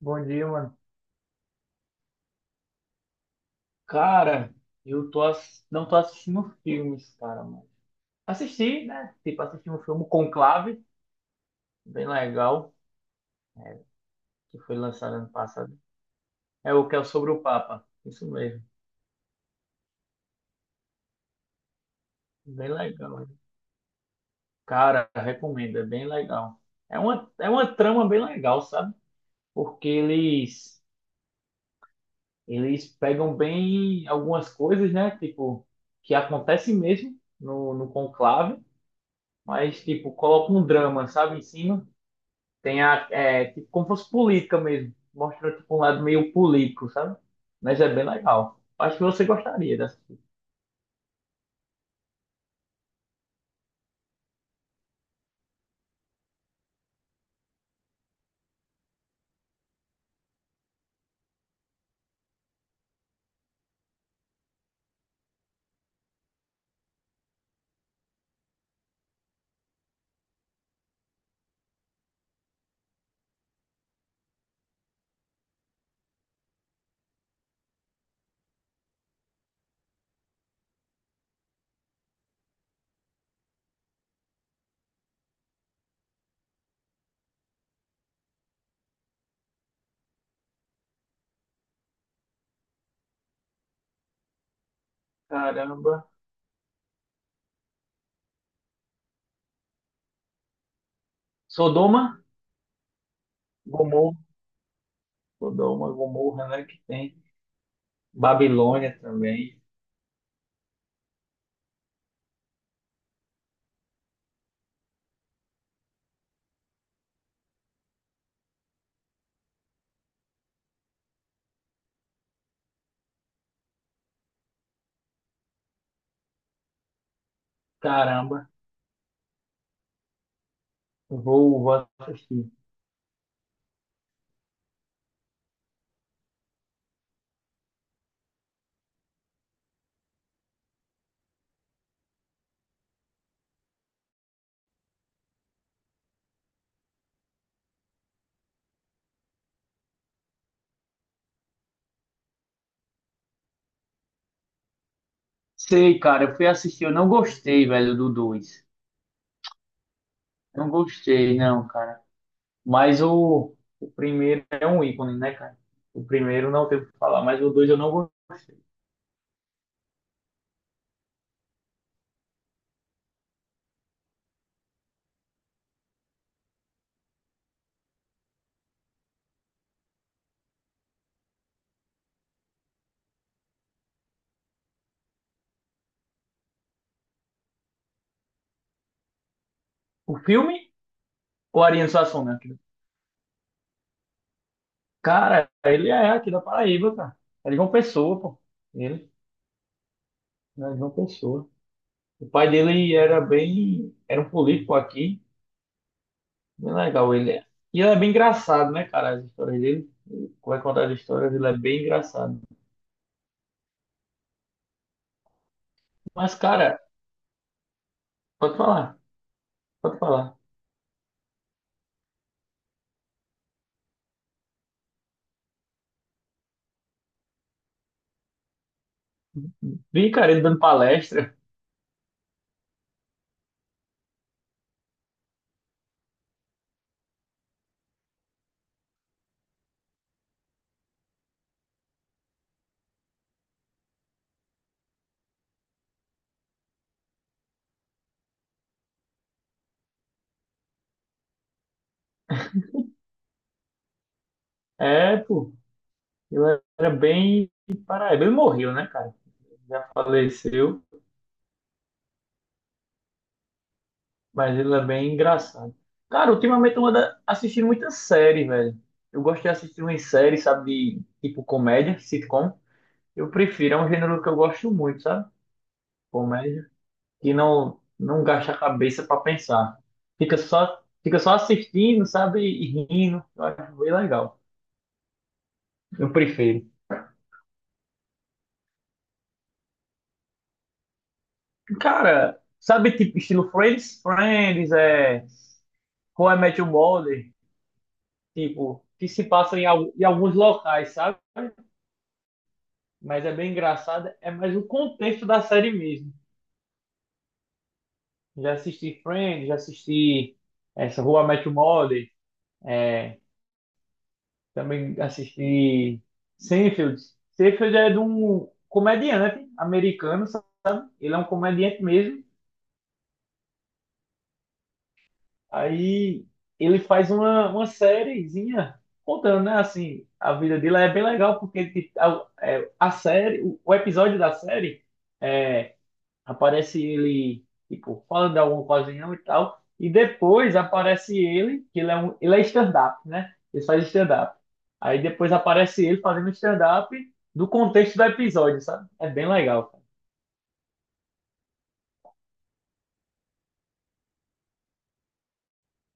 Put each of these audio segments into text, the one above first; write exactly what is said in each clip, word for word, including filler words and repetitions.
Bom dia, mano. Cara, eu tô ass- não tô assistindo filmes, cara, mas assisti, né? Tipo, assisti um filme Conclave, bem legal, que foi lançado ano passado. É o que é sobre o Papa. Isso mesmo. Bem legal. Cara, recomendo, é bem legal. É uma, é uma trama bem legal, sabe? Porque eles eles pegam bem algumas coisas, né? Tipo, que acontecem mesmo no, no conclave, mas tipo, colocam um drama, sabe, em cima. Tem a, é, tipo, como fosse política mesmo. Mostra tipo, um lado meio político, sabe? Mas é bem legal. Acho que você gostaria dessa. Caramba. Sodoma, Gomorra. Sodoma, Gomorra, né? Que tem. Babilônia também. Caramba. Vou, vou assistir. Sei, cara. Eu fui assistir. Eu não gostei, velho, do dois. Não gostei, não, cara. Mas o, o primeiro é um ícone, né, cara? O primeiro não tem o que falar, mas o dois eu não gostei. O filme ou a Ariano Suassuna? Cara, ele é aqui da Paraíba, cara. É de João Pessoa, pô. Ele é de João Pessoa. O pai dele era bem. Era um político aqui. Bem legal ele é. E ele é bem engraçado, né, cara? As histórias dele. Ele vai contar as histórias, ele é bem engraçado. Mas, cara, pode falar. Pode falar. Vi, cara, ele dando palestra. É, pô. Ele era bem. Paraíba. Ele morreu, né, cara? Já faleceu. Mas ele é bem engraçado. Cara, ultimamente eu ando assistindo muita série, velho. Eu gosto de assistir umas séries, sabe, de tipo comédia, sitcom. Eu prefiro, é um gênero que eu gosto muito, sabe? Comédia, que não não gasta a cabeça pra pensar. Fica só fica só assistindo, sabe, e rindo. Eu acho bem legal. Eu prefiro. Cara, sabe tipo estilo Friends? Friends é How I Met Your Mother, tipo, que se passa em, al- em alguns locais, sabe? Mas é bem engraçada. É mais o contexto da série mesmo. Já assisti Friends, já assisti essa Rua I Met Your Mother, é, também assisti Seinfeld. Seinfeld é de um comediante americano, sabe? Ele é um comediante mesmo. Aí ele faz uma, uma sériezinha contando, né? Assim, a vida dele é bem legal porque tipo, a, é, a série, o, o episódio da série é. Aparece ele, tipo, falando de alguma coisinha e tal. E depois aparece ele, que ele é um, ele é stand-up, né? Ele faz stand-up. Aí depois aparece ele fazendo stand-up do contexto do episódio, sabe? É bem legal, cara.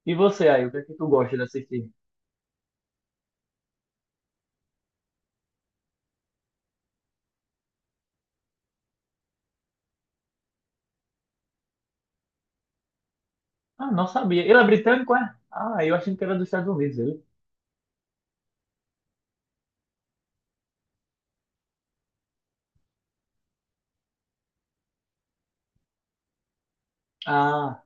E você aí, o que é que tu gosta de assistir? Ah, não sabia. Ele é britânico, é? Ah, eu achei que era dos Estados Unidos, ele. Ah,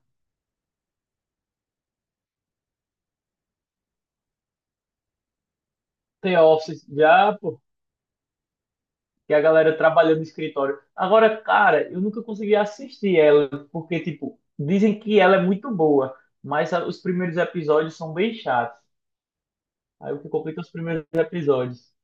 The Office, já, pô. E a galera trabalhando no escritório. Agora, cara, eu nunca consegui assistir ela, porque, tipo, dizem que ela é muito boa, mas a- os primeiros episódios são bem chatos. Aí o que complica é os primeiros episódios.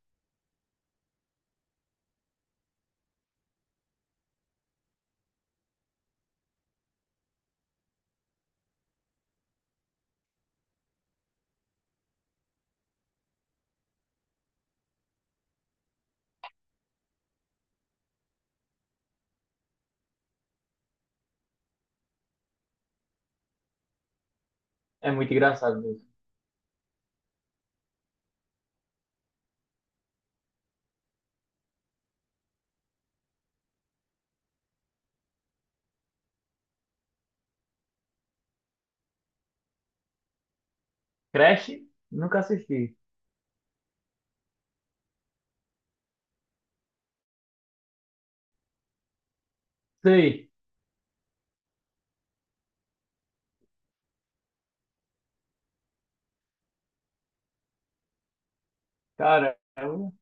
É muito engraçado mesmo. Crash? Nunca assisti. Sei. Cara, eu...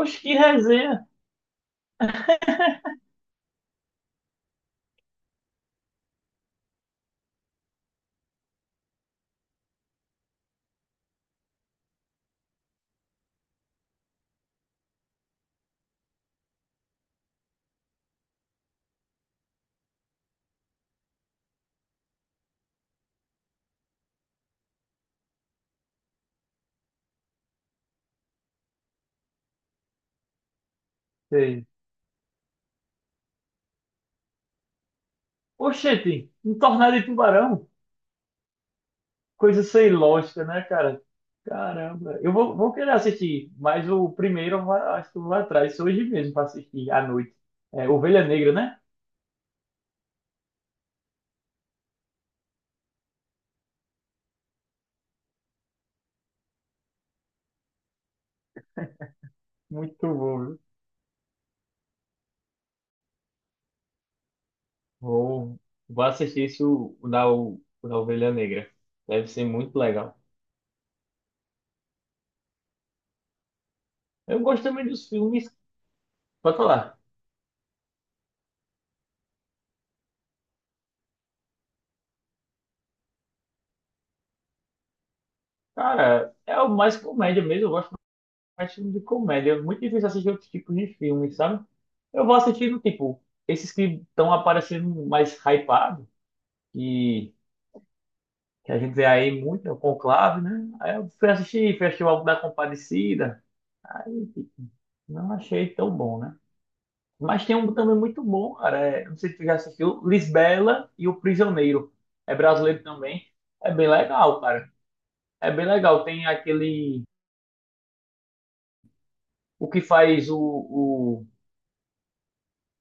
Oxe, que resenha. Sei. Oxente, um tornado de tubarão. Coisa sem lógica, né, cara? Caramba. Eu vou, vou querer assistir, mas o primeiro eu va- acho que eu vou atrás hoje mesmo para assistir à noite. É, Ovelha Negra, né? Muito bom, viu? Vou, vou assistir esse, o, o da, o da Ovelha Negra. Deve ser muito legal. Eu gosto também dos filmes. Pode falar. Cara, é o mais comédia mesmo. Eu gosto mais de filme de comédia. É muito difícil assistir outros tipos de filmes, sabe? Eu vou assistindo, tipo, esses que estão aparecendo mais hypados. Que a gente vê aí muito, né, o Conclave, né? Aí eu fui assistir, fui o álbum da Compadecida, aí tipo, não achei tão bom, né? Mas tem um também muito bom, cara, é, não sei se tu já assistiu, Lisbela e o Prisioneiro, é brasileiro também, é bem legal, cara, é bem legal, tem aquele, o que faz o, o,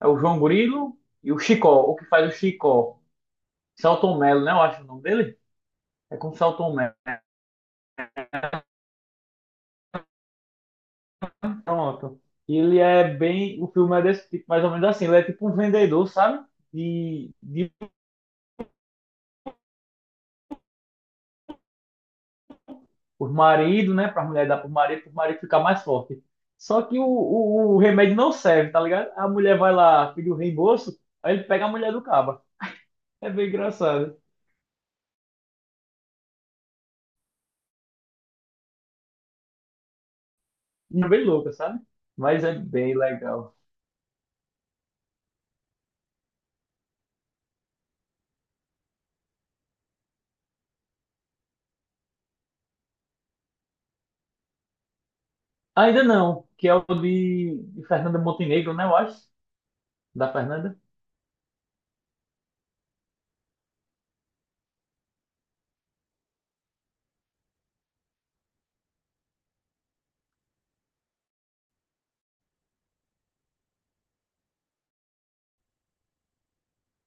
é o João Grilo e o Chicó, o que faz o Chicó, Selton Mello, né, eu acho o nome dele, é com Selton Mello, pronto. Ele é bem. O filme é desse tipo, mais ou menos assim. Ele é tipo um vendedor, sabe? De, de por marido, né? Pra mulher dar pro marido, pro marido ficar mais forte. Só que o, o, o remédio não serve, tá ligado? A mulher vai lá pedir o reembolso, aí ele pega a mulher do caba. É bem engraçado. E é bem louca, sabe? Mas é bem legal. Ainda não, que é o de, de Fernanda Montenegro, né? Eu acho. Da Fernanda.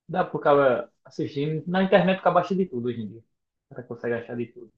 Dá pro cara assistir. Na internet fica abaixo de tudo hoje em dia. O cara consegue achar de tudo.